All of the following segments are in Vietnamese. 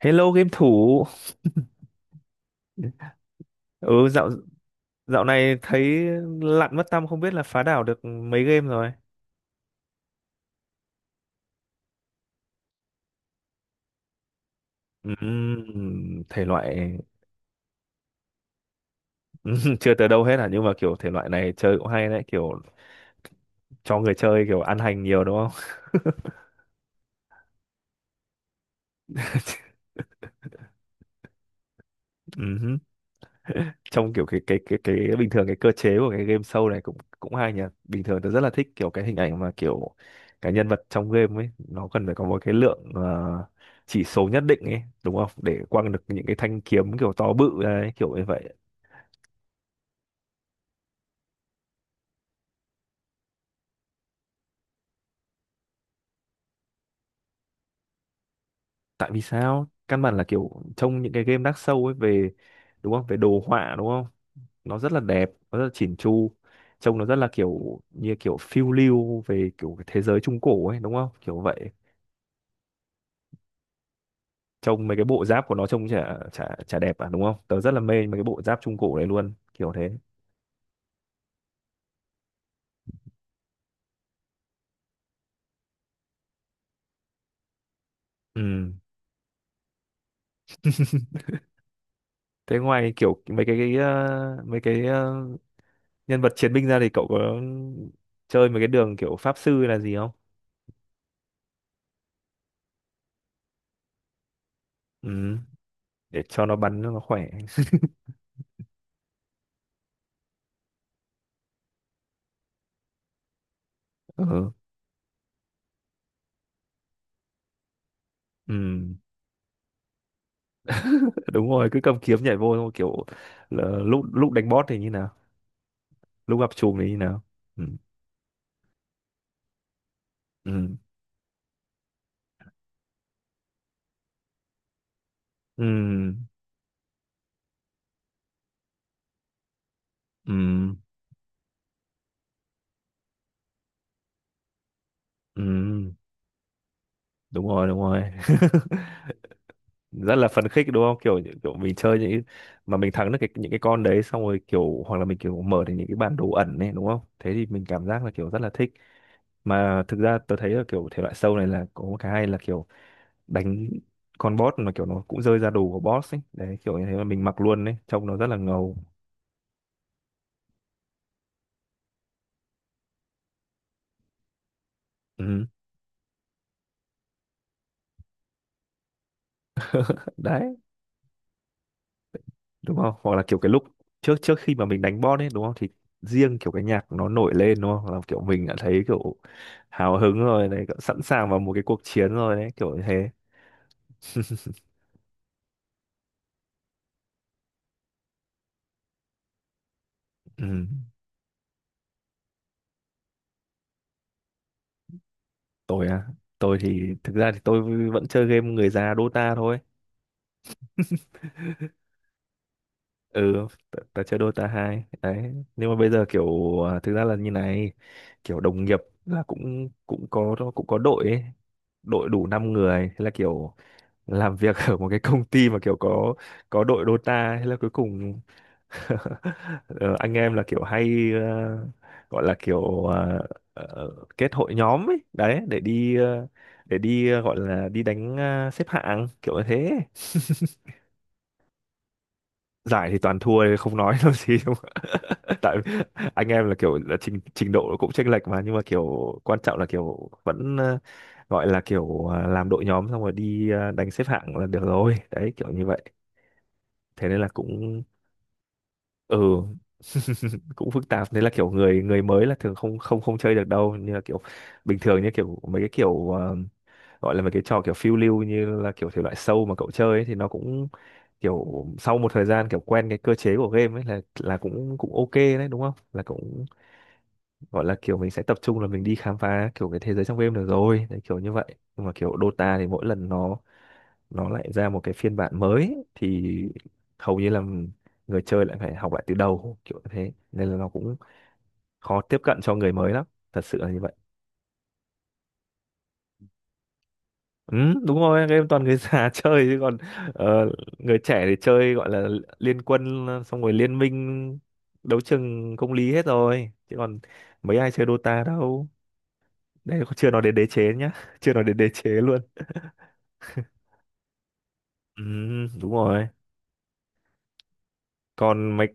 Hello game thủ. Ừ, dạo dạo này thấy lặn mất tăm, không biết là phá đảo được mấy game rồi. Thể loại. Chưa tới đâu hết à, nhưng mà kiểu thể loại này chơi cũng hay đấy, kiểu cho người chơi kiểu ăn hành nhiều, đúng không? Ừm, Trong kiểu cái bình thường, cái cơ chế của cái game show này cũng cũng hay nhỉ. Bình thường tôi rất là thích kiểu cái hình ảnh mà kiểu cái nhân vật trong game ấy nó cần phải có một cái lượng, chỉ số nhất định ấy, đúng không, để quăng được những cái thanh kiếm kiểu to bự đấy, kiểu như vậy. Tại vì sao căn bản là kiểu trong những cái game Dark Souls ấy về, đúng không, về đồ họa, đúng không, nó rất là đẹp, nó rất là chỉn chu, trông nó rất là kiểu như kiểu phiêu lưu về kiểu cái thế giới trung cổ ấy, đúng không, kiểu vậy. Trông mấy cái bộ giáp của nó trông chả chả chả đẹp à, đúng không? Tớ rất là mê mấy cái bộ giáp trung cổ đấy luôn, kiểu thế. Ừ, thế ngoài kiểu mấy cái nhân vật chiến binh ra thì cậu có chơi mấy cái đường kiểu pháp sư là gì không? Ừ, để cho nó bắn cho nó khỏe. Ừ, ừ, đúng rồi, cứ cầm kiếm nhảy vô xong kiểu, là lúc lúc đánh boss thì như nào, lúc gặp trùm thì như nào? Ừ, ừ, ừ, ừ, ừ, đúng rồi, đúng rồi. Rất là phấn khích, đúng không, kiểu kiểu mình chơi những mà mình thắng được cái, những cái con đấy xong rồi kiểu, hoặc là mình kiểu mở được những cái bản đồ ẩn này, đúng không, thế thì mình cảm giác là kiểu rất là thích. Mà thực ra tôi thấy là kiểu thể loại sâu này là có một cái hay là kiểu đánh con boss, mà kiểu nó cũng rơi ra đồ của boss ấy đấy, kiểu như thế, mà mình mặc luôn đấy, trông nó rất là ngầu. Ừ, đấy, đúng không? Hoặc là kiểu cái lúc trước trước khi mà mình đánh boss ấy, đúng không, thì riêng kiểu cái nhạc nó nổi lên, đúng không, là kiểu mình đã thấy kiểu hào hứng rồi này, kiểu sẵn sàng vào một cái cuộc chiến rồi đấy, kiểu như thế. Ừ. Tôi à? Tôi thì thực ra thì tôi vẫn chơi game người già Dota thôi. Ừ, ta chơi Dota 2 đấy, nhưng mà bây giờ kiểu, à, thực ra là như này, kiểu đồng nghiệp là cũng cũng có đội ấy, đội đủ 5 người, thế là kiểu làm việc ở một cái công ty mà kiểu có đội Dota hay là cuối cùng. Ờ, anh em là kiểu hay, gọi là kiểu, ờ, kết hội nhóm ấy đấy, để đi gọi là đi đánh, xếp hạng, kiểu như thế. Giải thì toàn thua, không nói làm gì, đúng không? Tại anh em là kiểu là trình trình độ cũng chênh lệch mà, nhưng mà kiểu quan trọng là kiểu vẫn, gọi là kiểu, làm đội nhóm xong rồi đi, đánh xếp hạng là được rồi đấy, kiểu như vậy. Thế nên là cũng, ừ, cũng phức tạp, nên là kiểu người người mới là thường không không không chơi được đâu, như là kiểu bình thường, như kiểu mấy cái kiểu, gọi là mấy cái trò kiểu phiêu lưu như là kiểu thể loại sâu mà cậu chơi ấy, thì nó cũng kiểu sau một thời gian kiểu quen cái cơ chế của game ấy là cũng cũng ok đấy, đúng không, là cũng gọi là kiểu mình sẽ tập trung là mình đi khám phá kiểu cái thế giới trong game được rồi đấy, kiểu như vậy. Nhưng mà kiểu Dota thì mỗi lần nó lại ra một cái phiên bản mới thì hầu như là người chơi lại phải học lại từ đầu, kiểu như thế nên là nó cũng khó tiếp cận cho người mới lắm, thật sự là như vậy. Ừ, đúng rồi, game toàn người già chơi chứ còn, ờ, người trẻ thì chơi gọi là Liên Quân xong rồi Liên Minh, Đấu Trường Công Lý hết rồi chứ còn mấy ai chơi Dota đâu. Đây chưa nói đến Đế Chế nhá. Chưa nói đến Đế Chế luôn. Ừ, đúng rồi. Còn mấy,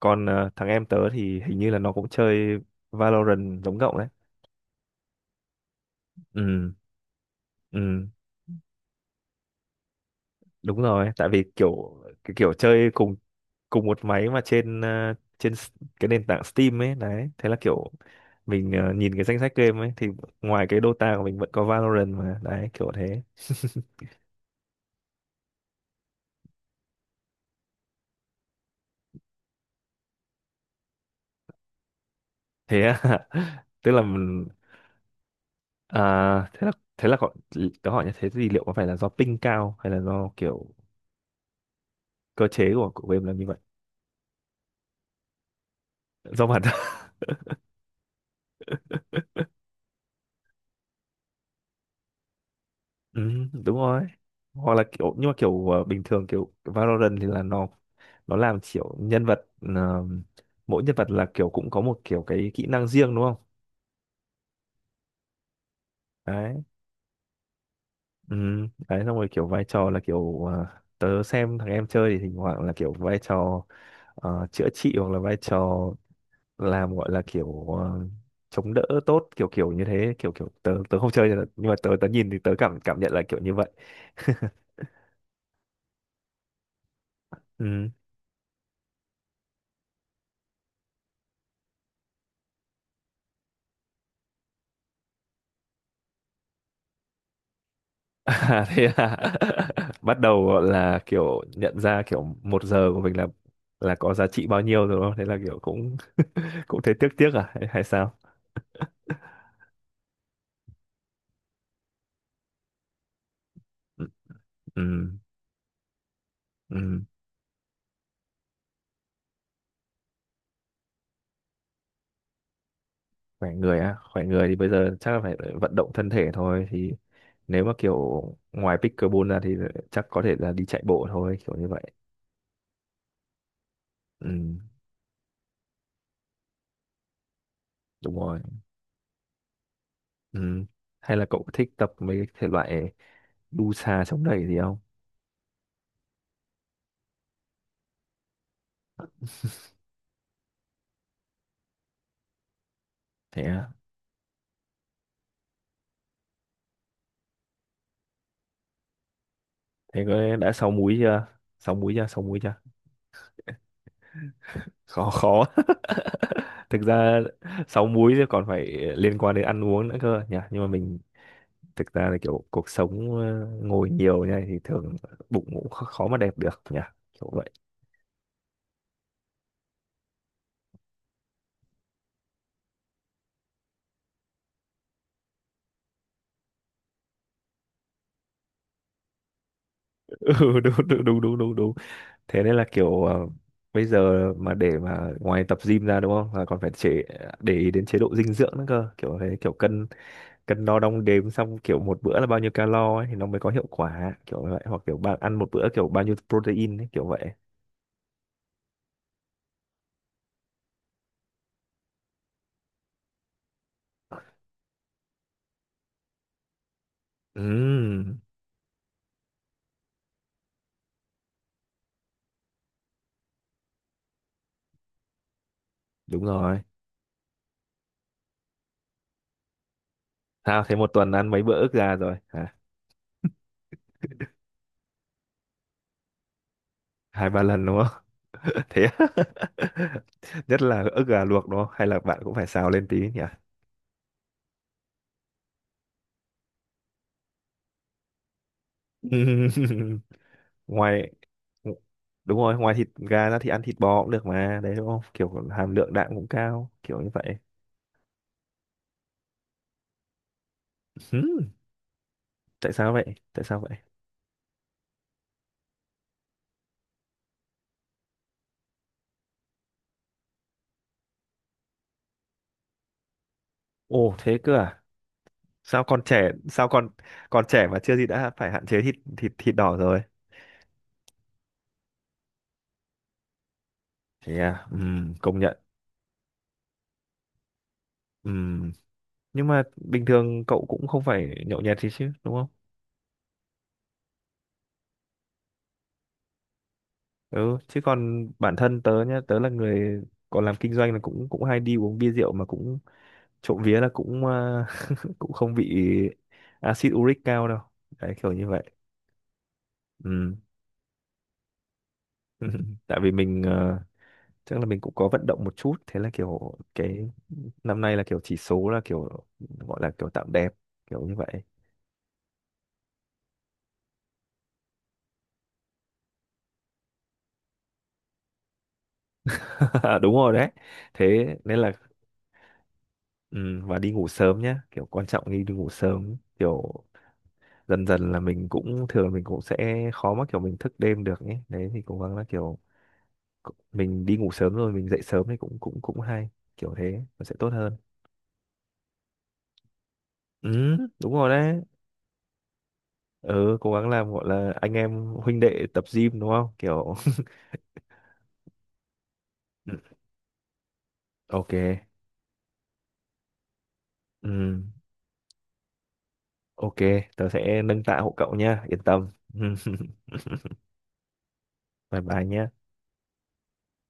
còn thằng em tớ thì hình như là nó cũng chơi Valorant giống cậu đấy. Ừ, ừ, đúng rồi, tại vì kiểu cái kiểu chơi cùng cùng một máy mà trên, ờ, trên s- cái nền tảng Steam ấy đấy, thế là kiểu mình, nhìn cái danh sách game ấy thì ngoài cái Dota của mình vẫn có Valorant mà đấy, kiểu thế. Thế à? Tức là à, thế là thế là có, tớ hỏi như thế thì liệu có phải là do ping cao hay là do kiểu cơ chế của game là như vậy, do bản. Ừ, đúng rồi. Hoặc là kiểu, nhưng mà kiểu, bình thường kiểu Valorant thì là nó làm kiểu nhân vật, ờ, mỗi nhân vật là kiểu cũng có một kiểu cái kỹ năng riêng, đúng không? Đấy. Ừ, đấy xong rồi kiểu vai trò là kiểu, tớ xem thằng em chơi thì thỉnh thoảng là kiểu vai trò, chữa trị hoặc là vai trò làm, gọi là kiểu, chống đỡ tốt, kiểu kiểu như thế, kiểu kiểu tớ tớ không chơi, nhưng mà tớ tớ nhìn thì tớ cảm cảm nhận là kiểu như vậy. Ừ. À, thế à? Bắt đầu gọi là kiểu nhận ra kiểu một giờ của mình là có giá trị bao nhiêu rồi, đúng không? Thế là kiểu cũng cũng thấy tiếc tiếc à, hay sao? Ừ, ừ, ừ. Khỏe người á, khỏe người thì bây giờ chắc là phải vận động thân thể thôi, thì nếu mà kiểu ngoài pickleball ra thì chắc có thể là đi chạy bộ thôi, kiểu như vậy. Ừ, đúng rồi. Ừ. Hay là cậu thích tập mấy cái thể loại đu xà chống đẩy gì không? Thế à? Thế có đã sáu múi chưa? Sáu múi chưa? Sáu múi chưa? Khó, khó. Thực ra sáu múi thì còn phải liên quan đến ăn uống nữa cơ nhỉ, nhưng mà mình thực ra là kiểu cuộc sống, ngồi nhiều như này thì thường bụng cũng khó, khó mà đẹp được nhỉ, kiểu vậy. Ừ, đúng đúng đúng đúng đúng đúng. Thế nên là kiểu, bây giờ mà để mà ngoài tập gym ra, đúng không, là còn phải để ý đến chế độ dinh dưỡng nữa cơ, kiểu thế, kiểu cân cân đo đong đếm, xong kiểu một bữa là bao nhiêu calo ấy thì nó mới có hiệu quả, kiểu vậy, hoặc kiểu bạn ăn một bữa kiểu bao nhiêu protein ấy, kiểu vậy. Ừ, đúng rồi. Sao thế, một tuần ăn mấy bữa ức gà rồi hả? Hai ba lần, đúng không? Thế á? Nhất là ức gà luộc, đúng không, hay là bạn cũng phải xào lên tí nhỉ? ngoài Đúng rồi, ngoài thịt gà ra thì ăn thịt bò cũng được mà đấy, đúng không, kiểu hàm lượng đạm cũng cao, kiểu như vậy. Ừm, Tại sao vậy? Tại sao vậy? Ồ, thế cơ à? Sao còn trẻ, sao còn còn trẻ mà chưa gì đã phải hạn chế thịt thịt thịt đỏ rồi? Thế à? Công nhận. Ừ, nhưng mà bình thường cậu cũng không phải nhậu nhẹt gì chứ, đúng không? Ừ, chứ còn bản thân tớ nhá, tớ là người còn làm kinh doanh là cũng cũng hay đi uống bia rượu mà, cũng trộm vía là cũng, cũng không bị axit uric cao đâu, đấy kiểu như vậy. Ừ. Tại vì mình, chắc là mình cũng có vận động một chút, thế là kiểu cái năm nay là kiểu chỉ số là kiểu, gọi là kiểu tạm đẹp, kiểu như vậy. Đúng rồi đấy, thế nên là, ừ, và đi ngủ sớm nhá, kiểu quan trọng, đi đi ngủ sớm kiểu, dần dần là mình cũng thường, mình cũng sẽ khó mà kiểu mình thức đêm được ấy đấy, thì cố gắng là kiểu mình đi ngủ sớm rồi mình dậy sớm thì cũng cũng cũng hay, kiểu thế nó sẽ tốt hơn. Ừ, đúng rồi đấy. Ừ, cố gắng làm, gọi là anh em huynh đệ tập gym, đúng không, kiểu. Ừ, ok. Ừ, ok, tớ sẽ nâng tạ hộ cậu nha, yên tâm. Bye bye nhé.